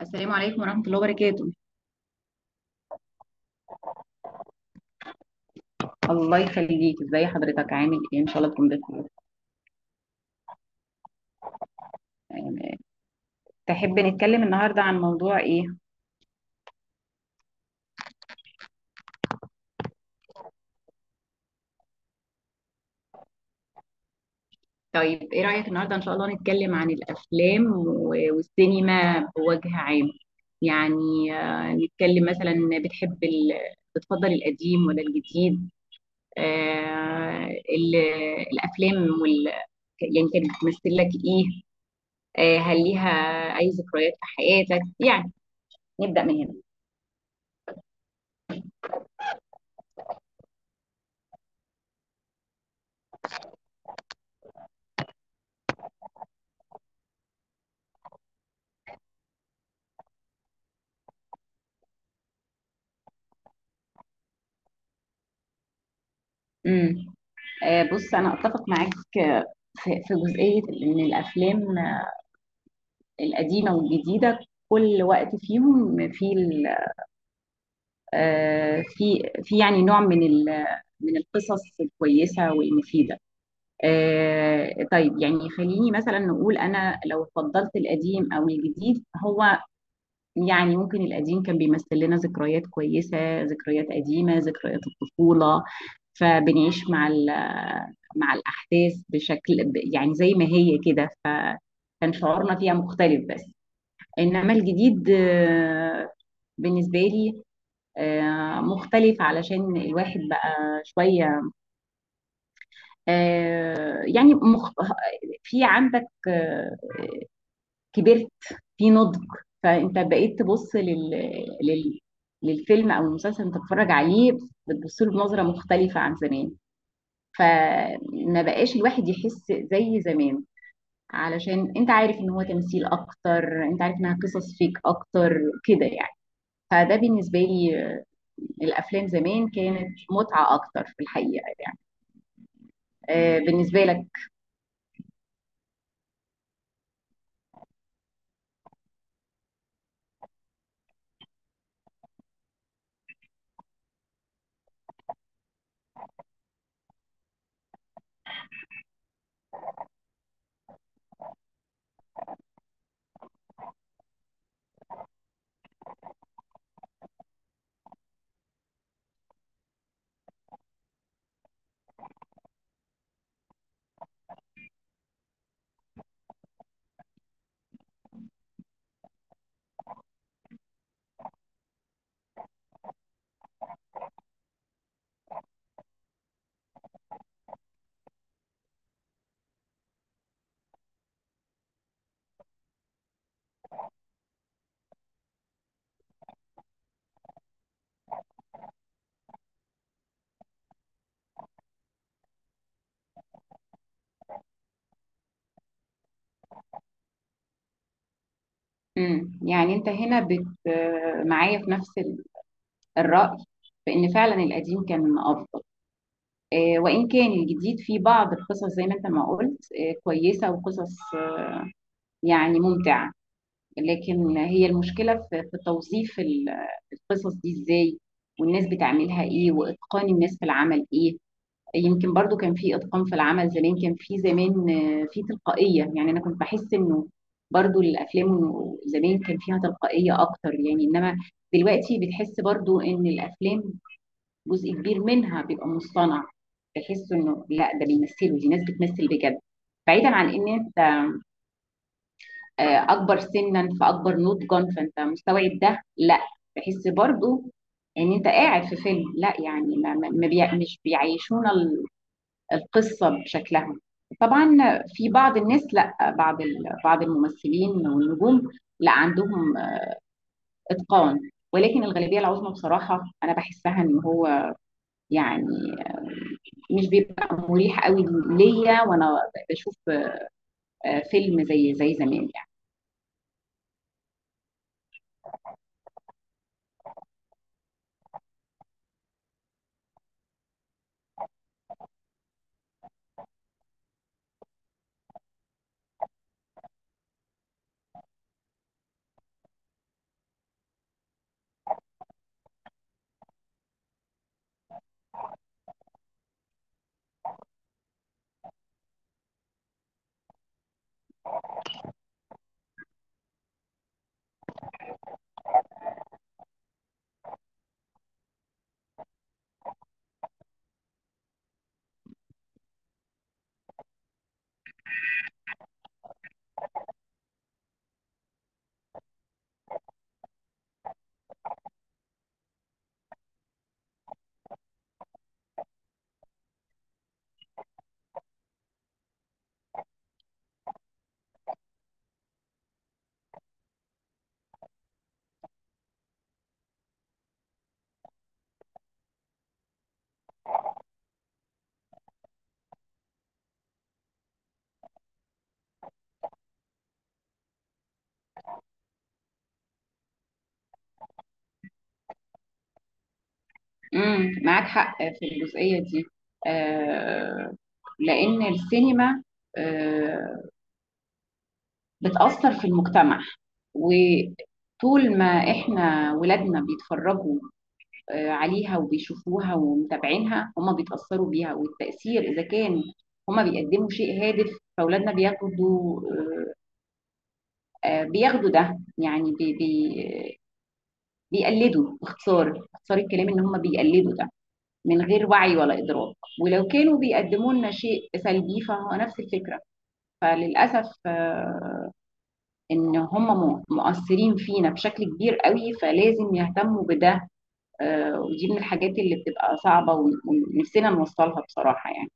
السلام عليكم ورحمة الله وبركاته. الله يخليك، ازي حضرتك؟ عامل ايه؟ ان شاء الله تكون بخير. آه، تحب نتكلم النهاردة عن موضوع ايه؟ طيب ايه رأيك النهاردة ان شاء الله نتكلم عن الافلام والسينما بوجه عام. يعني نتكلم مثلا، بتحب ال... بتفضل القديم ولا الجديد؟ آه، ال... الافلام يعني كانت بتمثل لك ايه؟ هل ليها اي ذكريات في حياتك يعني؟ نبدأ من هنا. امم بص، أنا أتفق معاك، في جزئية إن الأفلام، القديمة والجديدة، كل وقت فيهم في يعني نوع من القصص الكويسة والمفيدة. طيب يعني خليني مثلا نقول، أنا لو فضلت القديم أو الجديد، هو يعني ممكن القديم كان بيمثل لنا ذكريات كويسة، ذكريات قديمة، ذكريات الطفولة، فبنعيش مع مع الأحداث بشكل يعني زي ما هي كده، فكان شعورنا فيها مختلف. بس إنما الجديد، بالنسبة لي مختلف، علشان الواحد بقى شوية، آه، يعني مخ... في عندك آه، كبرت، في نضج، فانت بقيت تبص لل... للفيلم او المسلسل انت بتتفرج عليه، بتبص له بنظره مختلفه عن زمان. فما بقاش الواحد يحس زي زمان، علشان انت عارف ان هو تمثيل اكتر، انت عارف انها قصص فيك اكتر، كده يعني. فده بالنسبه لي، الافلام زمان كانت متعه اكتر في الحقيقه يعني. بالنسبه لك؟ مم. يعني انت هنا بت آه، معايا في نفس الراي، في ان فعلا القديم كان افضل. وإن كان الجديد فيه بعض القصص، زي ما أنت ما قلت، كويسة، وقصص يعني ممتعة، لكن هي المشكلة في توظيف القصص دي إزاي، والناس بتعملها إيه، وإتقان الناس في العمل إيه. يمكن برضو كان في إتقان في العمل زمان، كان في زمان في تلقائية، يعني أنا كنت بحس إنه برضو الأفلام زمان كان فيها تلقائية أكتر. يعني إنما دلوقتي بتحس برضو إن الأفلام جزء كبير منها بيبقى مصطنع، تحس انه لا ده بيمثلوا، دي ناس بتمثل بجد. بعيدا عن ان انت اكبر سنا فاكبر نضجا فانت مستوعب ده، لا، تحس برضو ان انت قاعد في فيلم، لا يعني ما ما- ما بيع مش بيعيشونا القصه بشكلها. طبعا في بعض الناس، لا، بعض الممثلين والنجوم، لا عندهم اتقان، ولكن الغالبيه العظمى بصراحه انا بحسها ان هو يعني مش بيبقى مريح قوي ليا وانا بشوف فيلم زي زمان يعني. معاك حق في الجزئية دي. آه، لأن السينما آه، بتأثر في المجتمع، وطول ما احنا ولادنا بيتفرجوا عليها وبيشوفوها ومتابعينها، هما بيتأثروا بيها. والتأثير إذا كان هما بيقدموا شيء هادف، فأولادنا بياخدوا، بياخدوا ده، يعني بي بي بيقلدوا. باختصار، باختصار الكلام، ان هم بيقلدوا ده من غير وعي ولا ادراك. ولو كانوا بيقدموا لنا شيء سلبي فهو نفس الفكره. فللاسف ان هم مؤثرين فينا بشكل كبير قوي، فلازم يهتموا بده. ودي من الحاجات اللي بتبقى صعبه ونفسنا نوصلها بصراحه يعني.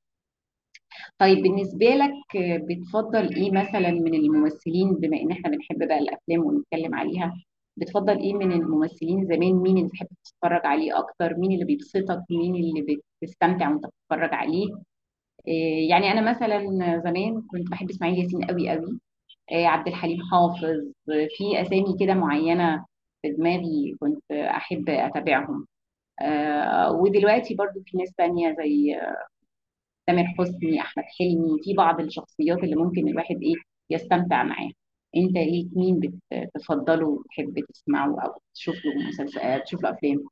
طيب بالنسبة لك، بتفضل ايه مثلا من الممثلين؟ بما ان احنا بنحب بقى الافلام ونتكلم عليها، بتفضل ايه من الممثلين زمان؟ مين اللي بتحب تتفرج عليه اكتر؟ مين اللي بيبسطك؟ مين اللي بتستمتع وانت بتتفرج عليه؟ يعني انا مثلا زمان كنت بحب اسماعيل ياسين قوي قوي، عبد الحليم حافظ، في اسامي كده معينة في دماغي كنت احب اتابعهم. ودلوقتي برضو في ناس تانية زي تامر حسني، احمد حلمي، في بعض الشخصيات اللي ممكن الواحد ايه، يستمتع معاها. انت ايه؟ مين بتفضله وتحب تسمعه او تشوف له مسلسل، تشوف له افلام؟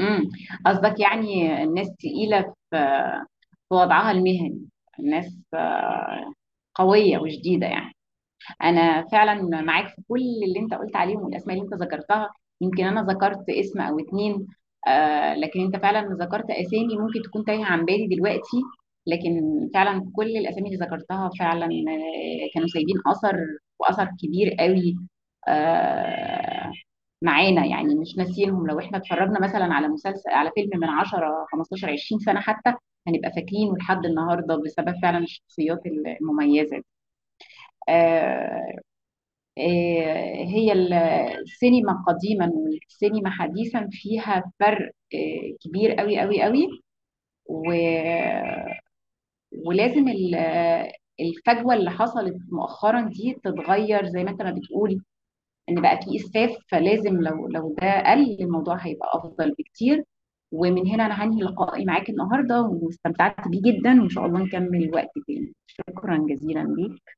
امم قصدك يعني الناس تقيلة في في وضعها المهني، الناس قوية وشديدة يعني. انا فعلا معاك في كل اللي انت قلت عليهم، والاسماء اللي انت ذكرتها. يمكن انا ذكرت اسم او اتنين، آه، لكن انت فعلا ذكرت اسامي ممكن تكون تايهه عن بالي دلوقتي، لكن فعلا كل الاسامي اللي ذكرتها فعلا كانوا سايبين اثر، واثر كبير قوي، آه، معانا يعني، مش ناسيينهم. لو احنا اتفرجنا مثلا على مسلسل، على فيلم من 10 15 20 سنه حتى، هنبقى فاكرينه لحد النهارده، بسبب فعلا الشخصيات المميزه دي. هي السينما قديما والسينما حديثا فيها فرق كبير قوي قوي قوي. و- ولازم الفجوة اللي حصلت مؤخرا دي تتغير. زي ما انت ما بتقول ان بقى في اسفاف، فلازم لو ده قل، الموضوع هيبقى افضل بكتير. ومن هنا انا هنهي لقائي معاك النهارده، واستمتعت بيه جدا، وان شاء الله نكمل وقت تاني. شكرا جزيلا ليك.